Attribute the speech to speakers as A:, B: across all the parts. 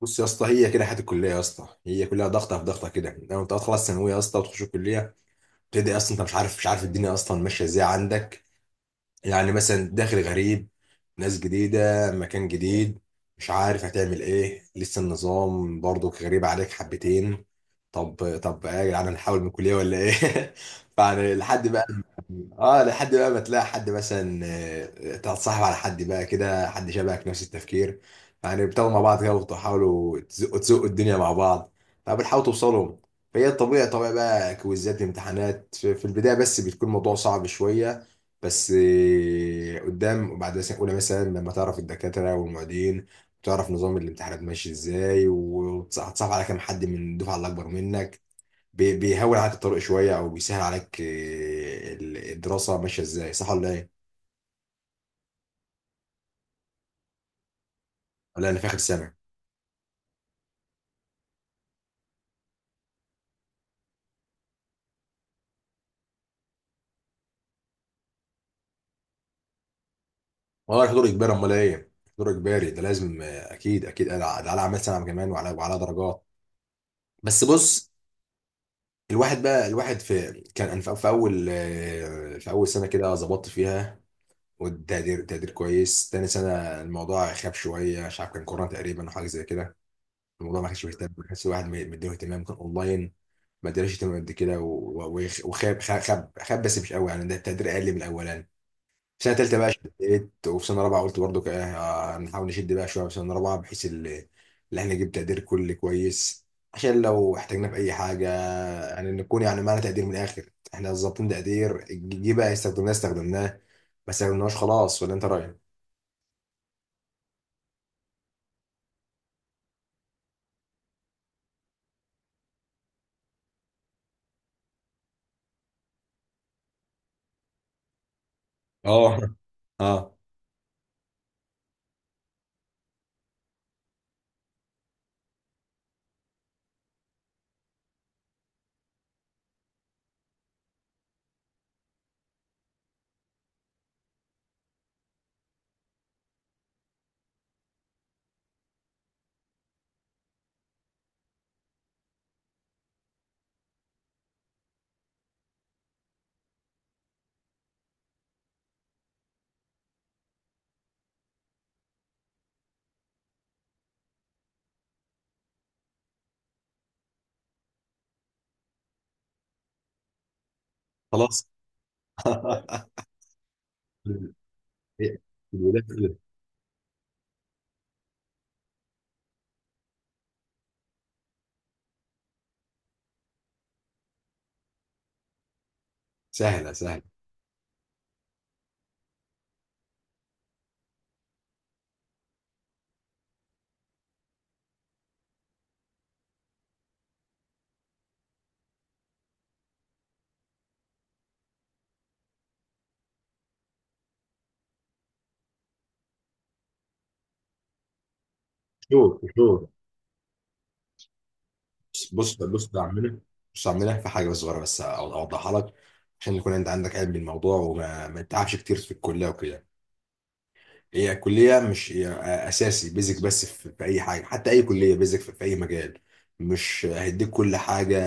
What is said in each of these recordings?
A: بص يا اسطى، هي كده حياه الكليه يا اسطى، هي كلها ضغطه في ضغطه كده. لما انت تخلص ثانويه يا اسطى وتخش الكليه تبدا اصلا. انت مش عارف الدنيا اصلا ماشيه ازاي عندك. يعني مثلا داخل غريب، ناس جديدة، مكان جديد، مش عارف هتعمل ايه، لسه النظام برضك غريب عليك حبتين. طب ايه يا جدعان، هنحاول من كلية ولا ايه؟ فيعني لحد بقى، اه، لحد بقى ما تلاقي حد مثلا، تتصاحب على حد بقى كده، حد شبهك نفس التفكير. يعني بتاخدوا مع بعض كده وتحاولوا تزقوا الدنيا مع بعض، فبتحاولوا توصلوا. فهي طبيعي بقى، كويزات امتحانات في البداية، بس بتكون الموضوع صعب شوية. بس قدام بعد سنة أولى مثلا لما تعرف الدكاترة والمعيدين، وتعرف نظام الامتحانات ماشي ازاي، وتصعب على كام حد من الدفعة اللي أكبر منك، بيهون عليك الطريق شوية، أو بيسهل عليك الدراسة ماشية ازاي، صح ولا إيه؟ ولا أنا في آخر سنة؟ والله الحضور إجباري، أمال إيه؟ الحضور إجباري ده لازم، أكيد أكيد. ده على أعمال سنة كمان، وعلى درجات. بس بص، الواحد بقى الواحد في كان أنا في في أول آه، في أول سنة كده ظبطت فيها، والتقدير تقدير كويس. تاني سنة الموضوع خاب شوية، مش عارف، كان كورونا تقريبا وحاجة زي كده. الموضوع ما كانش مهتم، ما كانش الواحد مديله اهتمام، كان اونلاين. ما ادالوش اهتمام قد كده و- و- وخاب، خاب بس مش قوي يعني، ده التقدير اقل من الاولاني. في سنة تالتة بقى شديت، وفي سنة رابعة قلت برضو كده، نحاول نشد بقى شوية في سنة رابعة، بحيث ان احنا نجيب تقدير كلي كويس، عشان لو احتاجنا في اي حاجة. يعني نكون يعني معنا تقدير من الاخر، احنا ظابطين تقدير، جه بقى استخدمناه، ما استخدمناهوش خلاص. ولا انت رايك؟ اه، اه، خلاص. الولاد كده. سهله، سهله. شوف، شوف. بص، بص، بص يا عمنا. بص يا عمنا، في حاجه صغيره بس اوضحها لك، عشان يكون انت عندك علم بالموضوع، وما ما تتعبش كتير في الكليه وكده. هي كلية مش هي أساسي بيزك بس في أي حاجة، حتى أي كلية بيزك في أي مجال، مش هيديك كل حاجة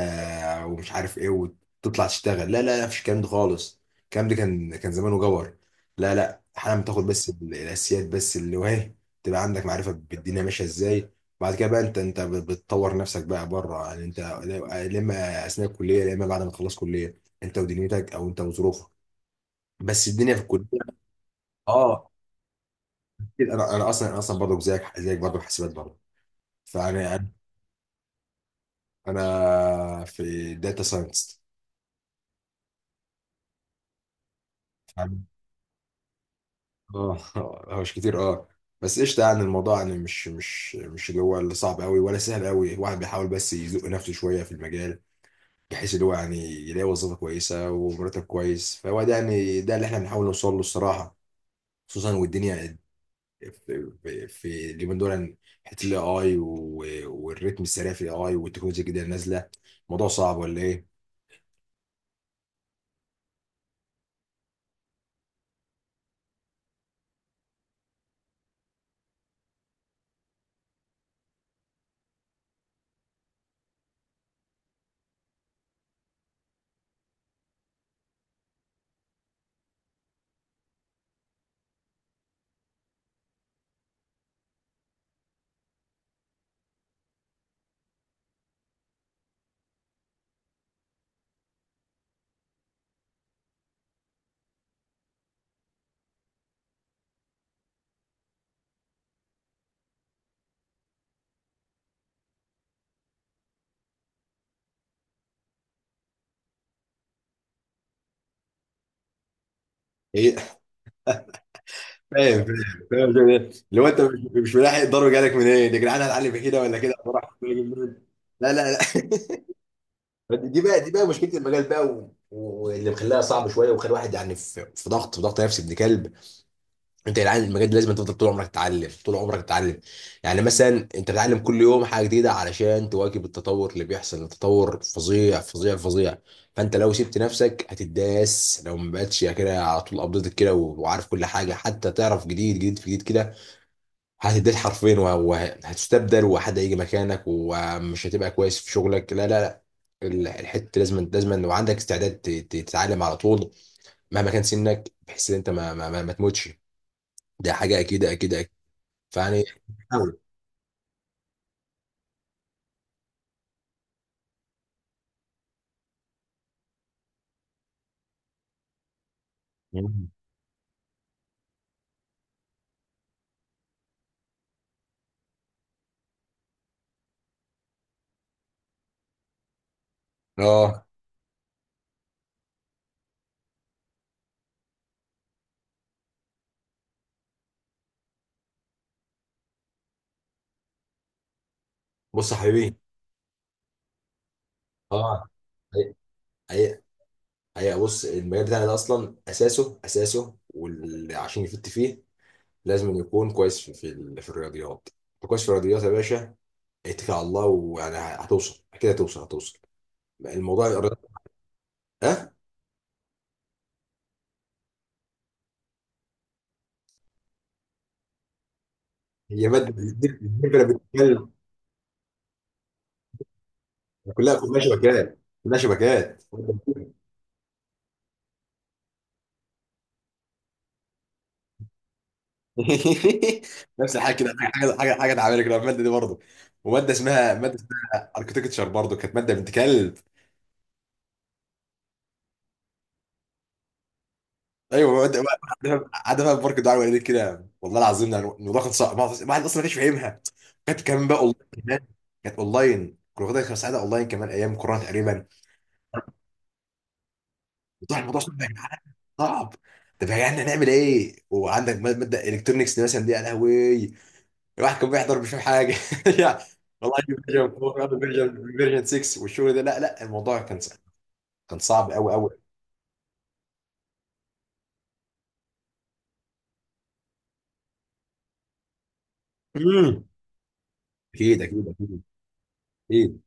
A: ومش عارف إيه وتطلع تشتغل. لا لا لا، مفيش الكلام ده خالص، الكلام ده كان زمانه جور. لا لا، حالا بتاخد بس الأساسيات بس، اللي وهي تبقى عندك معرفة بالدنيا ماشية إزاي. بعد كده بقى أنت بتطور نفسك بقى بره، يعني أنت لا إما أثناء الكلية لا إما بعد ما تخلص كلية، أنت ودنيتك أو أنت وظروفك. بس الدنيا في الكلية. اه أكيد، انا اصلا برضه، زيك برضه حاسبات برضه. فانا أنا في داتا ساينس. اه هو مش كتير، اه. بس قشطه يعني، الموضوع يعني مش اللي هو اللي صعب قوي ولا سهل قوي، الواحد بيحاول بس يزق نفسه شويه في المجال، بحيث اللي هو يعني يلاقي وظيفه كويسه ومرتب كويس، فهو ده يعني ده اللي احنا بنحاول نوصل له الصراحه. خصوصا والدنيا في في اليومين دول يعني، حته الاي اي، والريتم السريع في الاي اي والتكنولوجيا الجديده اللي نازله. الموضوع صعب ولا ايه؟ هي فاهم، فاهم. اللي هو انت مش ملاحق، الضرب جالك منين، يا جدعان هتعلم كده ولا كده ولا لا لا لا. دي بقى مشكله المجال بقى، و- و- واللي مخليها صعب شويه، ومخلي الواحد يعني في ضغط، في ضغط نفسي ابن كلب. انت يا جدعان المجال ده لازم تفضل طول عمرك تتعلم، طول عمرك تتعلم. يعني مثلا انت بتتعلم كل يوم حاجه جديده علشان تواكب التطور اللي بيحصل، التطور فظيع فظيع فظيع. فانت لو سبت نفسك هتداس، لو ما بقتش كده على طول ابديت كده وعارف كل حاجه، حتى تعرف جديد جديد في جديد كده، هتديه حرفين وهتستبدل، وحد هيجي مكانك ومش هتبقى كويس في شغلك. لا لا لا، الحته لازم لازم، لو عندك استعداد تتعلم على طول، مهما كان سنك، بحيث ان انت ما تموتش. ده حاجه اكيد اكيد اكيد. فيعني حاول. مم. اه، بص يا حبيبي. اه، حقيقة حقيقة حقيقة. بص، المجال بتاعنا ده أصلا أساسه واللي عشان يفت فيه لازم يكون كويس في الرياضيات. كويس في الرياضيات يا باشا، اتكل على الله ويعني هتوصل، اكيد هتوصل هتوصل. الموضوع الرياضة. ها، هي ماده الدبله بتتكلم. كلها كلها شبكات. كلها شبكات. نفس الحاجه كده، حاجه اتعملت كده، الماده دي برضه. وماده اسمها اركتكتشر برضه، كانت ماده بنت كلب. ايوه ماده، قاعده بقى في بارك الدعاء والدتي كده، والله العظيم يعني الموضوع كان صعب، الواحد اصلا ما كانش فاهمها، كانت كمان بقى اونلاين كمان. كانت اونلاين، كنا واخدها، كانت ساعتها اونلاين كمان ايام كورونا تقريبا. الموضوع صعب يا جدعان، صعب. طب يا جدعان نعمل ايه وعندك مادة مادة الكترونكس دي مثلا، دي يا لهوي. الواحد كان بيحضر مش فاهم حاجه. يعني والله فيرجن 4 فيرجن 6 والشغل ده، لا لا الموضوع كان صعب، كان صعب قوي قوي. امم، اكيد اكيد اكيد اكيد.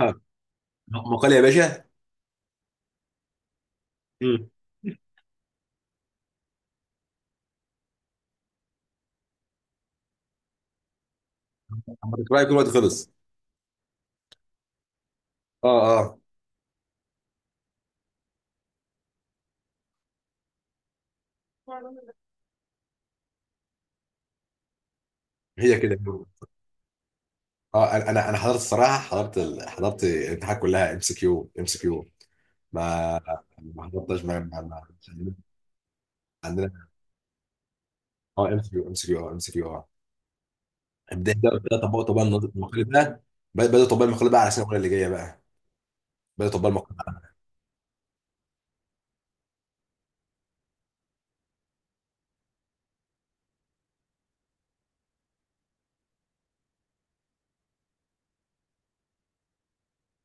A: ها، مقال يا باشا. امم، اما تقرا يكون الوقت خلص. اه اه، هي كده. اه، انا أنا حضرت الصراحه، حضرت حضرت الامتحانات كلها ام سي كيو ام سي كيو. ما ما حضرتش، ما... ما... ما... عندنا. اه ام سي كيو ام سي كيو، اه ام سي كيو، اه. بدأ طبقوا، طبقوا المقالة ده. بدأ طبقوا المقالة بقى على السنة الأولى اللي جاية بقى. بدأ طبقوا المقالة.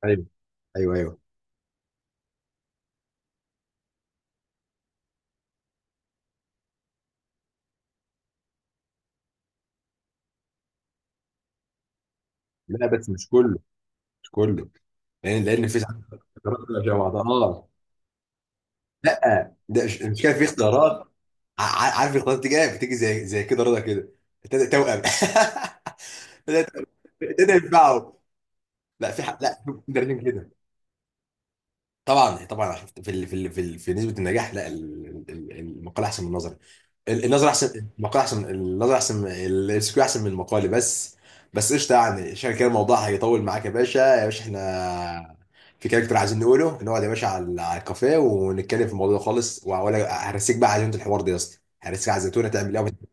A: ايوه ايوه ايوه. لا بس مش كله، مش كله، لأن في ساعات اختيارات بتبقى شبه بعضها، اه. لا ده مش كده، في اختيارات، عارف الاختيارات دي جايه، بتيجي زي كده رضا كده، توأم. تبدأ ينفعوا. لا في حق، لا في مدربين كده. طبعا طبعا، عشان في نسبة النجاح، لا المقالة أحسن من النظري. النظر احسن، المقال احسن، النظر احسن، السكيو احسن من المقال بس. بس قشطه يعني، عشان كده الموضوع هيطول معاك. يا باشا، احنا في كاركتر عايزين نقوله، نقعد يا باشا على على الكافيه ونتكلم في الموضوع ده خالص، ولا هرسيك بقى على عزيمه الحوار ده يا اسطى، هرسيك على الزيتونه تعمل ايه؟